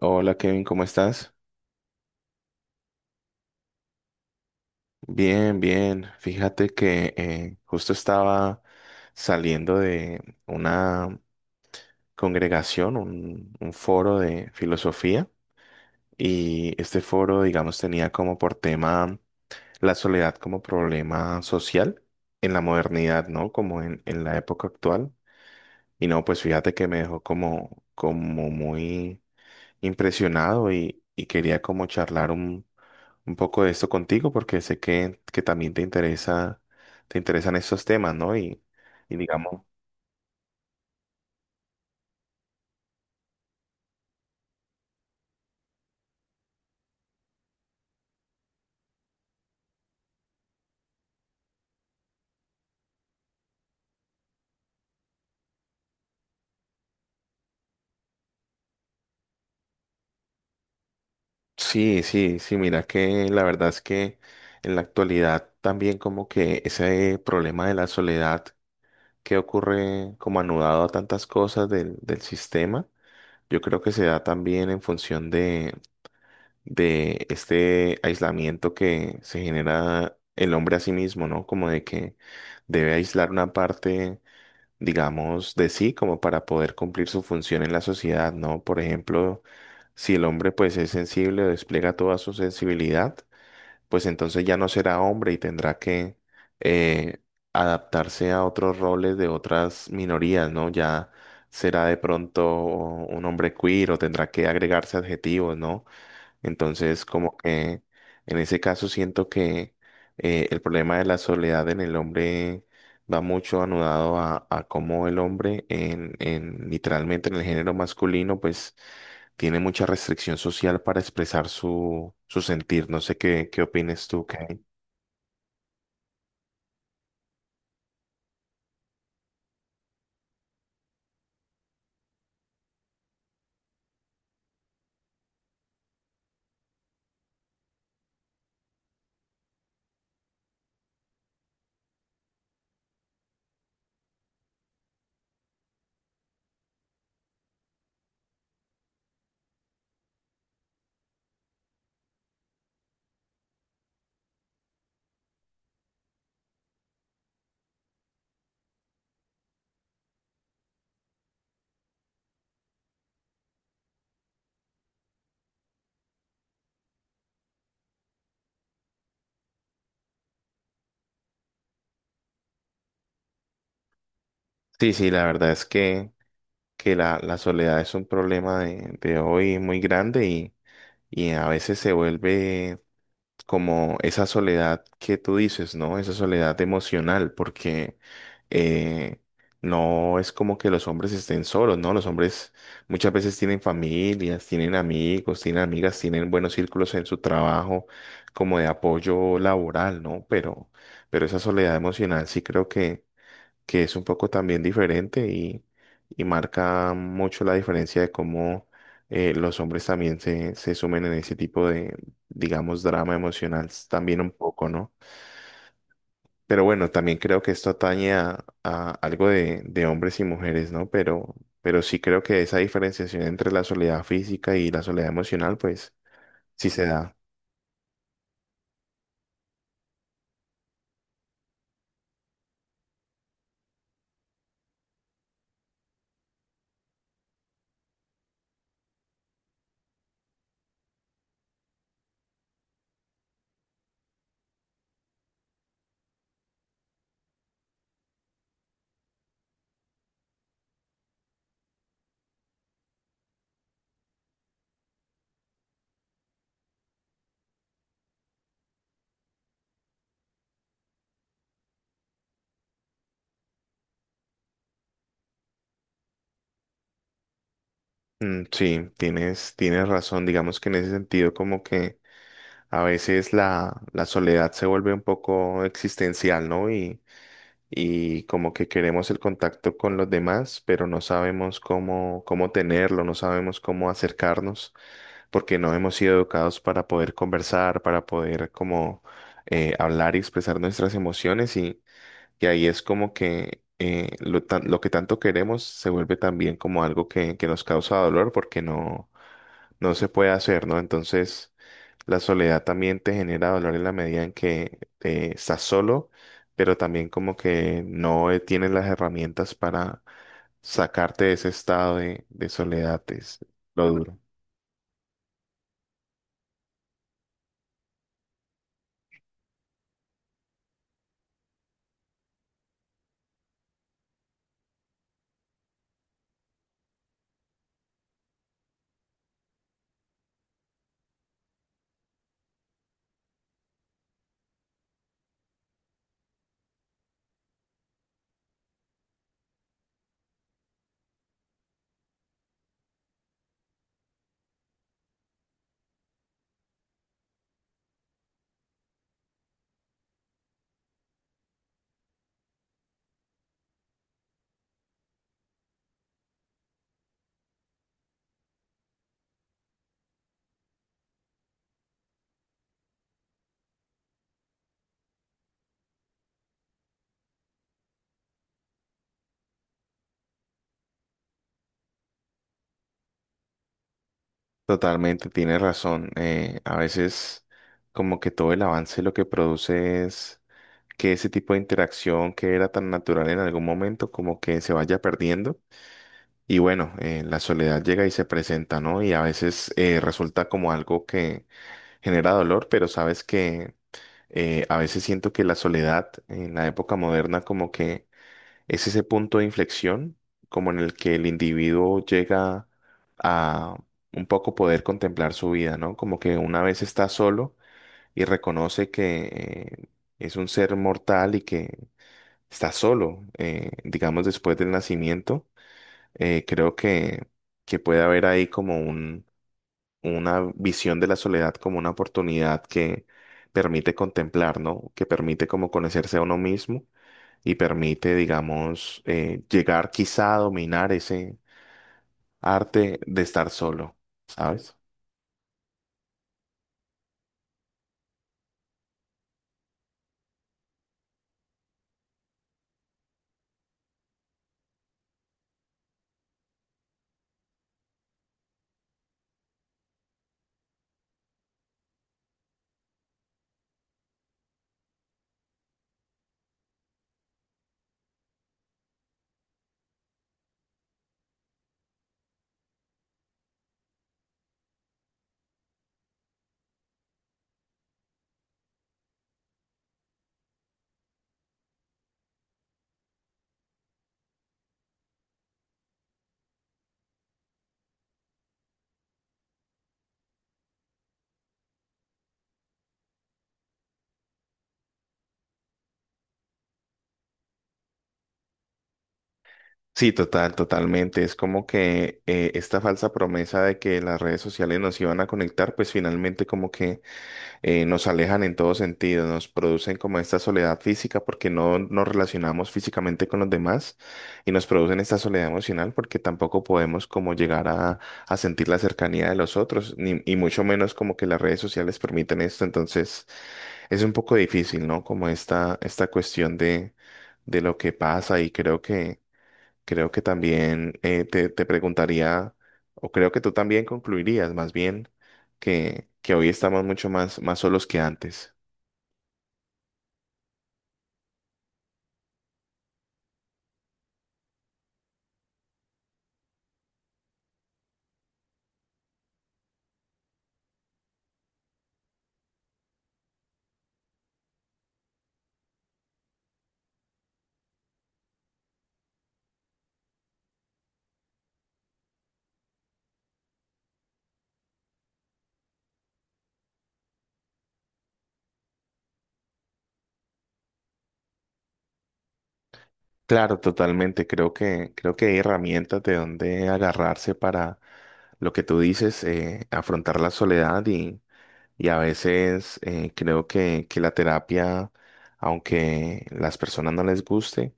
Hola Kevin, ¿cómo estás? Bien, bien. Fíjate que justo estaba saliendo de una congregación, un foro de filosofía y este foro, digamos, tenía como por tema la soledad como problema social en la modernidad, ¿no? Como en la época actual. Y no, pues fíjate que me dejó como, como muy impresionado y quería como charlar un poco de esto contigo porque sé que también te interesa, te interesan estos temas, ¿no? Y digamos, sí, sí, sí, mira que la verdad es que en la actualidad también como que ese problema de la soledad que ocurre como anudado a tantas cosas del, del sistema, yo creo que se da también en función de este aislamiento que se genera el hombre a sí mismo, ¿no? Como de que debe aislar una parte digamos, de sí, como para poder cumplir su función en la sociedad, ¿no? Por ejemplo, si el hombre pues es sensible o despliega toda su sensibilidad, pues entonces ya no será hombre y tendrá que eh, adaptarse a otros roles de otras minorías, ¿no? Ya será de pronto un hombre queer o tendrá que agregarse adjetivos, ¿no? Entonces, como que en ese caso siento que el problema de la soledad en el hombre va mucho anudado a cómo el hombre en literalmente en el género masculino, pues tiene mucha restricción social para expresar su, su sentir. No sé qué, qué opines tú, Kay. Sí, sí, la verdad es que la soledad es un problema de hoy muy grande y a veces se vuelve como esa soledad que tú dices, ¿no? Esa soledad emocional, porque eh, no es como que los hombres estén solos, ¿no? Los hombres muchas veces tienen familias, tienen amigos, tienen amigas, tienen buenos círculos en su trabajo, como de apoyo laboral, ¿no? Pero esa soledad emocional sí creo que es un poco también diferente y marca mucho la diferencia de cómo los hombres también se sumen en ese tipo de, digamos, drama emocional también un poco, ¿no? Pero bueno, también creo que esto atañe a algo de hombres y mujeres, ¿no? Pero sí creo que esa diferenciación entre la soledad física y la soledad emocional, pues sí se da. Mm, sí, tienes, tienes razón, digamos que en ese sentido como que a veces la, la soledad se vuelve un poco existencial, ¿no? Y como que queremos el contacto con los demás, pero no sabemos cómo, cómo tenerlo, no sabemos cómo acercarnos, porque no hemos sido educados para poder conversar, para poder como hablar y expresar nuestras emociones y ahí es como que lo, lo que tanto queremos se vuelve también como algo que nos causa dolor porque no, no se puede hacer, ¿no? Entonces... La soledad también te genera dolor en la medida en que estás solo, pero también como que no tienes las herramientas para sacarte de ese estado de soledad, es lo duro. Totalmente, tienes razón. A veces como que todo el avance lo que produce es que ese tipo de interacción que era tan natural en algún momento como que se vaya perdiendo. Y bueno, la soledad llega y se presenta, ¿no? Y a veces resulta como algo que genera dolor, pero sabes que a veces siento que la soledad en la época moderna como que es ese punto de inflexión, como en el que el individuo llega a un poco poder contemplar su vida, ¿no? Como que una vez está solo y reconoce que es un ser mortal y que está solo, digamos, después del nacimiento, creo que puede haber ahí como una visión de la soledad como una oportunidad que permite contemplar, ¿no? Que permite como conocerse a uno mismo y permite, digamos, llegar quizá a dominar ese arte de estar solo, ¿sabes? Sí, total, totalmente. Es como que esta falsa promesa de que las redes sociales nos iban a conectar, pues finalmente como que nos alejan en todo sentido, nos producen como esta soledad física porque no nos relacionamos físicamente con los demás y nos producen esta soledad emocional porque tampoco podemos como llegar a sentir la cercanía de los otros, ni, y mucho menos como que las redes sociales permiten esto, entonces es un poco difícil, ¿no? Como esta cuestión de lo que pasa y creo que... Creo que también te, te preguntaría, o creo que tú también concluirías más bien que hoy estamos mucho más, más solos que antes. Claro, totalmente. Creo que hay herramientas de donde agarrarse para lo que tú dices, afrontar la soledad. Y a veces creo que la terapia, aunque las personas no les guste,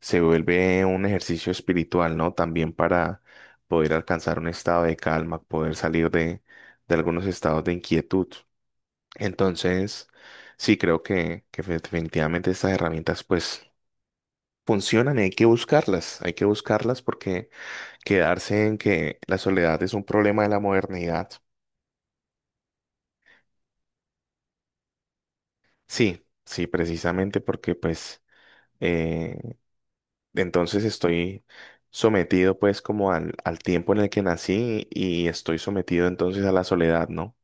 se vuelve un ejercicio espiritual, ¿no? También para poder alcanzar un estado de calma, poder salir de algunos estados de inquietud. Entonces, sí, creo que definitivamente estas herramientas pues funcionan y hay que buscarlas porque quedarse en que la soledad es un problema de la modernidad. Sí, sí, precisamente porque pues... Eh, entonces estoy sometido pues como al, al tiempo en el que nací y estoy sometido entonces a la soledad, ¿no?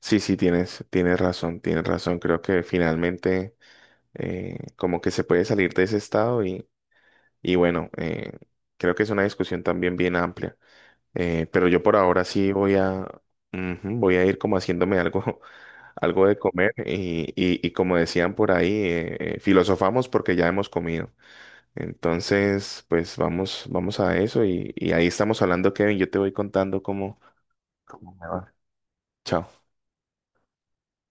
Sí, sí, tienes, tienes razón, tienes razón. Creo que finalmente como que se puede salir de ese estado y bueno, creo que es una discusión también bien amplia. Pero yo por ahora sí voy a, ujú, voy a ir como haciéndome algo, algo de comer y como decían por ahí, filosofamos porque ya hemos comido. Entonces, pues vamos, vamos a eso y ahí estamos hablando, Kevin. Yo te voy contando cómo, cómo me va. Chao.